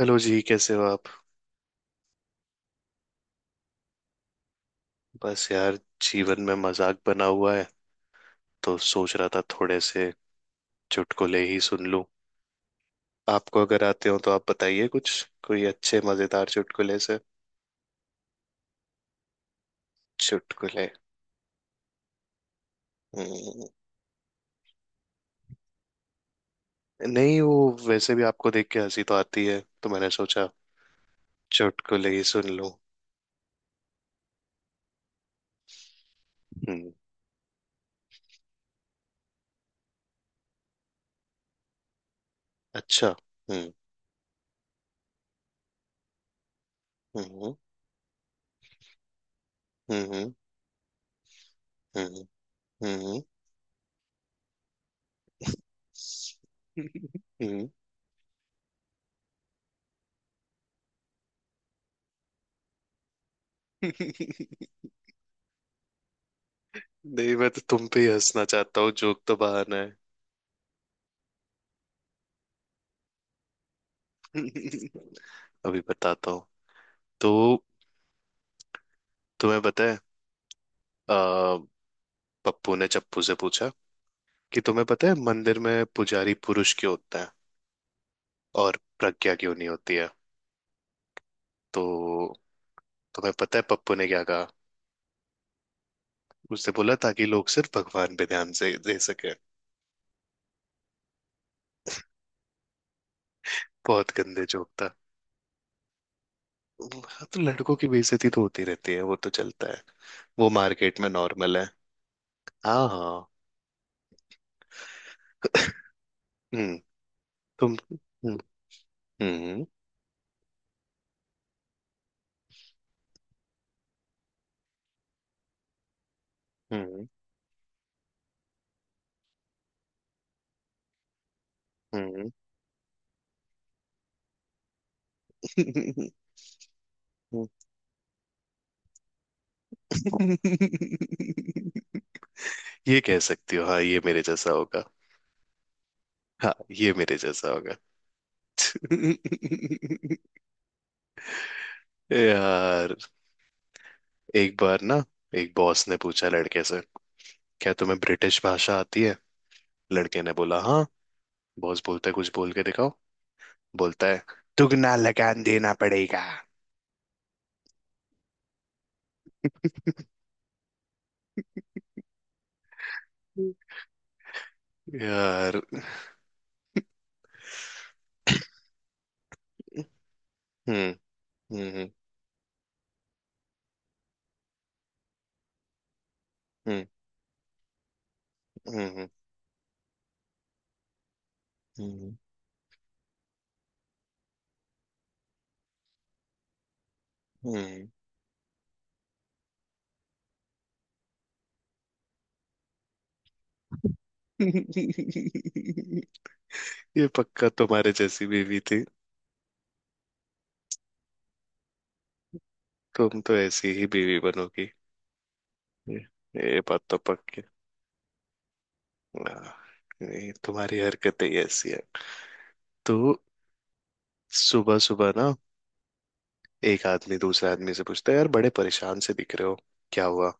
Hello जी, कैसे हो आप? बस यार, जीवन में मजाक बना हुआ है। तो सोच रहा था थोड़े से चुटकुले ही सुन लूं। आपको अगर आते हो तो आप बताइए कुछ। कोई अच्छे मजेदार चुटकुले से। चुटकुले। हम्म। नहीं, वो वैसे भी आपको देख के हंसी तो आती है, तो मैंने सोचा चुटकुले ही सुन लूं। हम्म। अच्छा। हम्म। हम्म। हम्म। हम्म। हम्म। हम्म। हम्म। नहीं, मैं तो तुम पे ही हंसना चाहता हूँ, जोक तो बहाना है। अभी बताता हूँ। तो तुम्हें पता है, आ, पप्पू ने चप्पू से पूछा कि तुम्हें पता है मंदिर में पुजारी पुरुष क्यों होता है और प्रज्ञा क्यों नहीं होती है? तो तुम्हें पता है पप्पू ने क्या कहा? उसने बोला, ताकि लोग सिर्फ भगवान पे ध्यान से दे सके। बहुत गंदे जोक था। हाँ, तो लड़कों की बेइज्जती तो होती रहती है, वो तो चलता है। वो मार्केट में नॉर्मल है। हाँ, हाँ। हम्म। तुम। हम्म। हम्म। हम्म। हम्म। ये कह सकती हो, हाँ, ये मेरे जैसा होगा। हाँ। ये मेरे जैसा होगा। यार, एक बार ना, एक बॉस ने पूछा लड़के से, क्या तुम्हें ब्रिटिश भाषा आती है? लड़के ने बोला, हाँ। बॉस बोलता है, कुछ बोल के दिखाओ। बोलता है, दुगना लगान देना पड़ेगा। यार। हम्म। हम्म। हम्म। हम्म। हम्म। हम्म। हम्म। हम्म। ये पक्का तुम्हारे जैसी बीवी थी। तुम तो ऐसी ही बीवी बनोगी। ये ये बात तो पक्की। हाँ, ये तुम्हारी हरकतें ही ऐसी है। तो सुबह सुबह ना, एक आदमी दूसरे आदमी से पूछता है, यार बड़े परेशान से दिख रहे हो, क्या हुआ?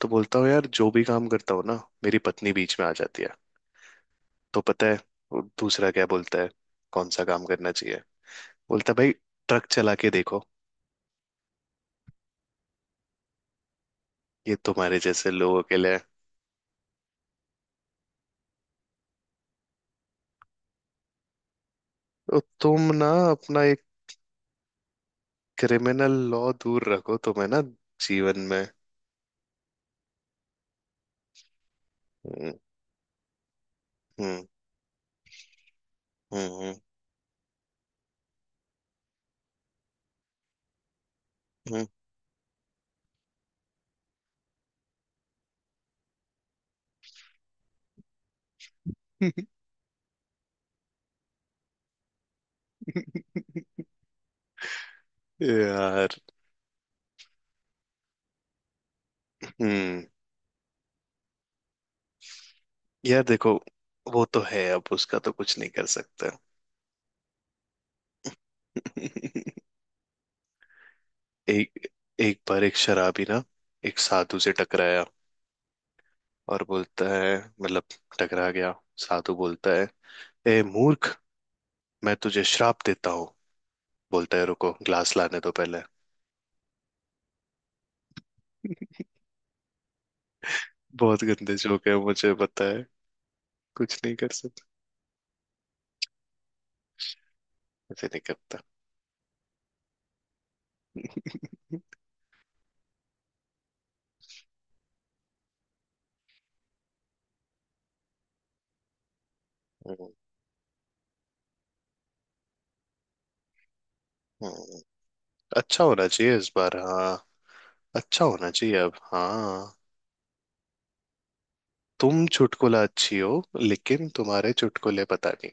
तो बोलता हूँ, यार जो भी काम करता हूँ ना, मेरी पत्नी बीच में आ जाती है। तो पता है वो दूसरा क्या बोलता है, कौन सा काम करना चाहिए? बोलता है, भाई ट्रक चला के देखो। ये तुम्हारे जैसे लोगों के लिए है। तो तुम ना अपना एक क्रिमिनल लॉ दूर रखो तुम्हें ना जीवन में। हम्म। हम्म। हम्म। हम्म। यार। हम्म। यार देखो, वो तो है, अब उसका तो कुछ नहीं कर सकता। एक एक बार एक शराबी ना, एक साधु से टकराया और बोलता है, मतलब टकरा गया। साधु बोलता है, ए मूर्ख, मैं तुझे श्राप देता हूँ। बोलता है, रुको ग्लास लाने दो पहले। बहुत गंदे जोक है, मुझे पता है। कुछ नहीं कर सकता। ऐसे नहीं करता। हम्म। हम्म। अच्छा होना चाहिए इस बार, हाँ। अच्छा होना चाहिए अब, हाँ। तुम चुटकुला अच्छी हो, लेकिन तुम्हारे चुटकुले पता नहीं।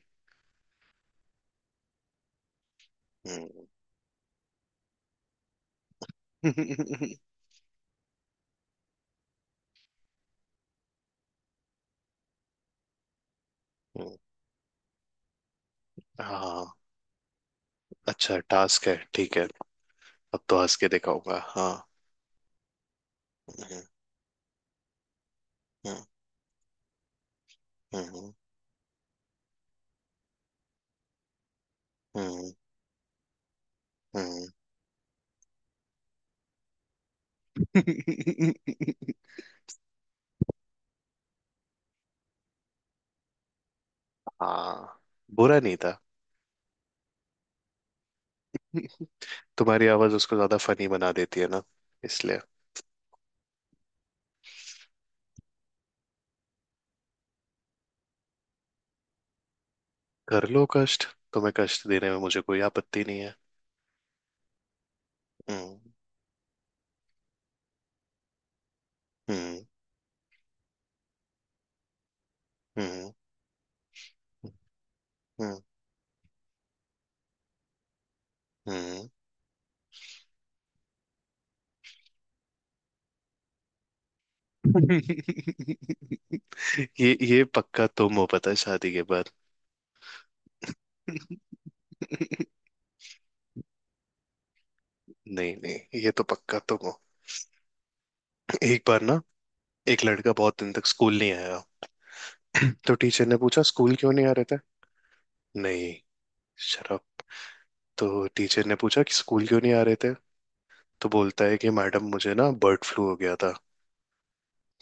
हम्म। हम्म। हाँ, अच्छा टास्क है, ठीक है। अब तो हंस के दिखाऊंगा, हाँ। हम्म। हम्म। हम्म। हम्म। हम्म। हाँ। बुरा नहीं था। तुम्हारी आवाज उसको ज्यादा फनी बना देती है ना, इसलिए। कर लो कष्ट, तुम्हें कष्ट देने में मुझे कोई आपत्ति नहीं है। हम्म। हम्म। हम्म। हम्म। हम्म। हम्म। ये पक्का तुम हो, पता है, शादी के बाद। नहीं, नहीं, ये तो पक्का तुम हो। एक बार ना, एक लड़का बहुत दिन तक स्कूल नहीं आया। तो टीचर ने पूछा, स्कूल क्यों नहीं आ रहे थे? नहीं। शराब। तो टीचर ने पूछा कि स्कूल क्यों नहीं आ रहे थे? तो बोलता है कि मैडम, मुझे ना बर्ड फ्लू हो गया था।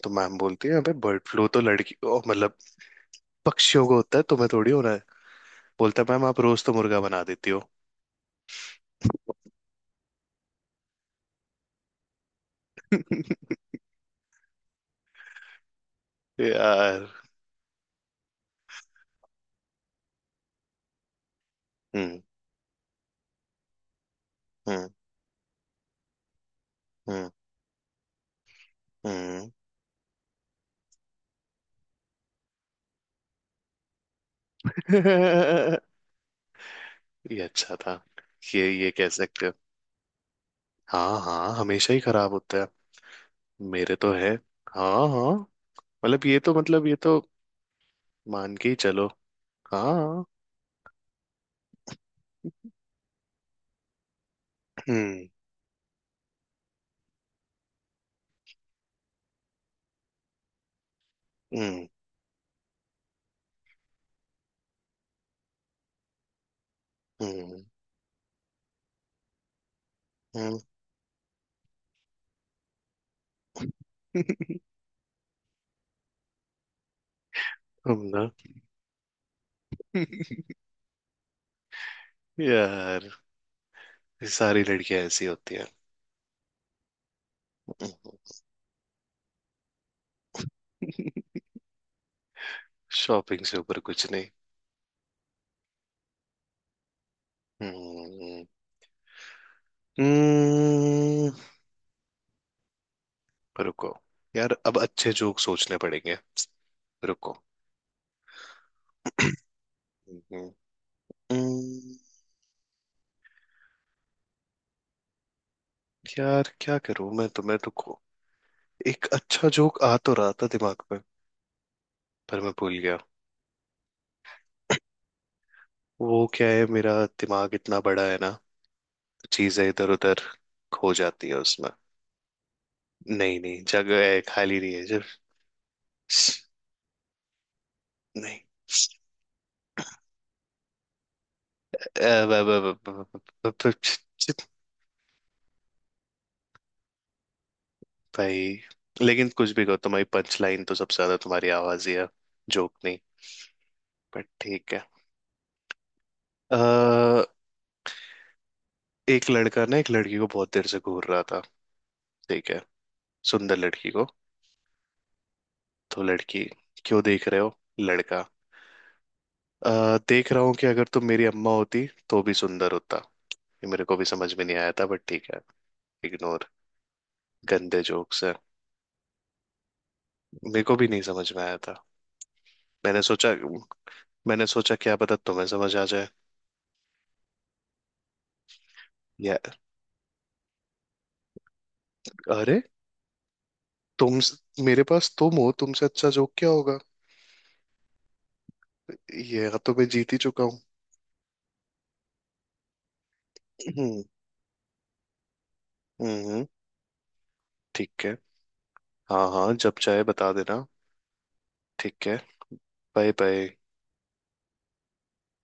तो मैम बोलती है, अबे बर्ड फ्लू तो लड़की, ओ, मतलब पक्षियों को होता है, तुम्हें थोड़ी होना है? बोलता है, मैम आप रोज तो मुर्गा बना देती हो। यार। हम्म। हम्म। हम्म। हम्म। ये अच्छा था। ये कह सकते हो। हाँ, हाँ, हमेशा ही खराब होता है। मेरे तो है। हाँ, हाँ। मतलब ये तो, मान के ही चलो। हाँ। हम्म। हम्म। हम्म। हम्म। तुम ना। यार, ये सारी लड़कियां ऐसी होती हैं। शॉपिंग से ऊपर कुछ नहीं। हम्म। हम्म। रुको, यार अब अच्छे जोक सोचने पड़ेंगे, रुको। हम्म। हम्म। यार क्या करूं मैं तुम्हें, रुको। एक अच्छा जोक आ तो रहा था दिमाग में, पर मैं भूल गया। वो क्या है, मेरा दिमाग इतना बड़ा है ना, चीजें इधर उधर खो जाती है उसमें। नहीं, नहीं, जगह है, खाली नहीं है सिर्फ। नहीं। अ, ब- ब- ब- ब- ब- ब- ब- भाई, लेकिन कुछ भी कहो, तुम्हारी पंच लाइन तो सबसे ज्यादा तुम्हारी आवाज ही है, जोक नहीं। पर ठीक है। अ, एक लड़का ना, एक लड़की को बहुत देर से घूर रहा था, ठीक है। सुंदर लड़की को। तो लड़की, क्यों देख रहे हो? लड़का, देख रहा हूँ कि अगर तुम मेरी अम्मा होती तो भी सुंदर होता।" ये मेरे को भी समझ में नहीं आया था, बट ठीक है, इग्नोर। गंदे जोक्स है। मेरे को भी नहीं समझ में आया था। मैंने सोचा मैंने सोचा क्या पता तुम्हें समझ आ जाए। या अरे, तुम, मेरे पास तुम हो, तुमसे अच्छा जोक क्या होगा? ये तो मैं जीत ही चुका हूँ। हम्म। हम्म। हम्म। ठीक है, हाँ, हाँ, जब चाहे बता देना। ठीक है। Bye bye.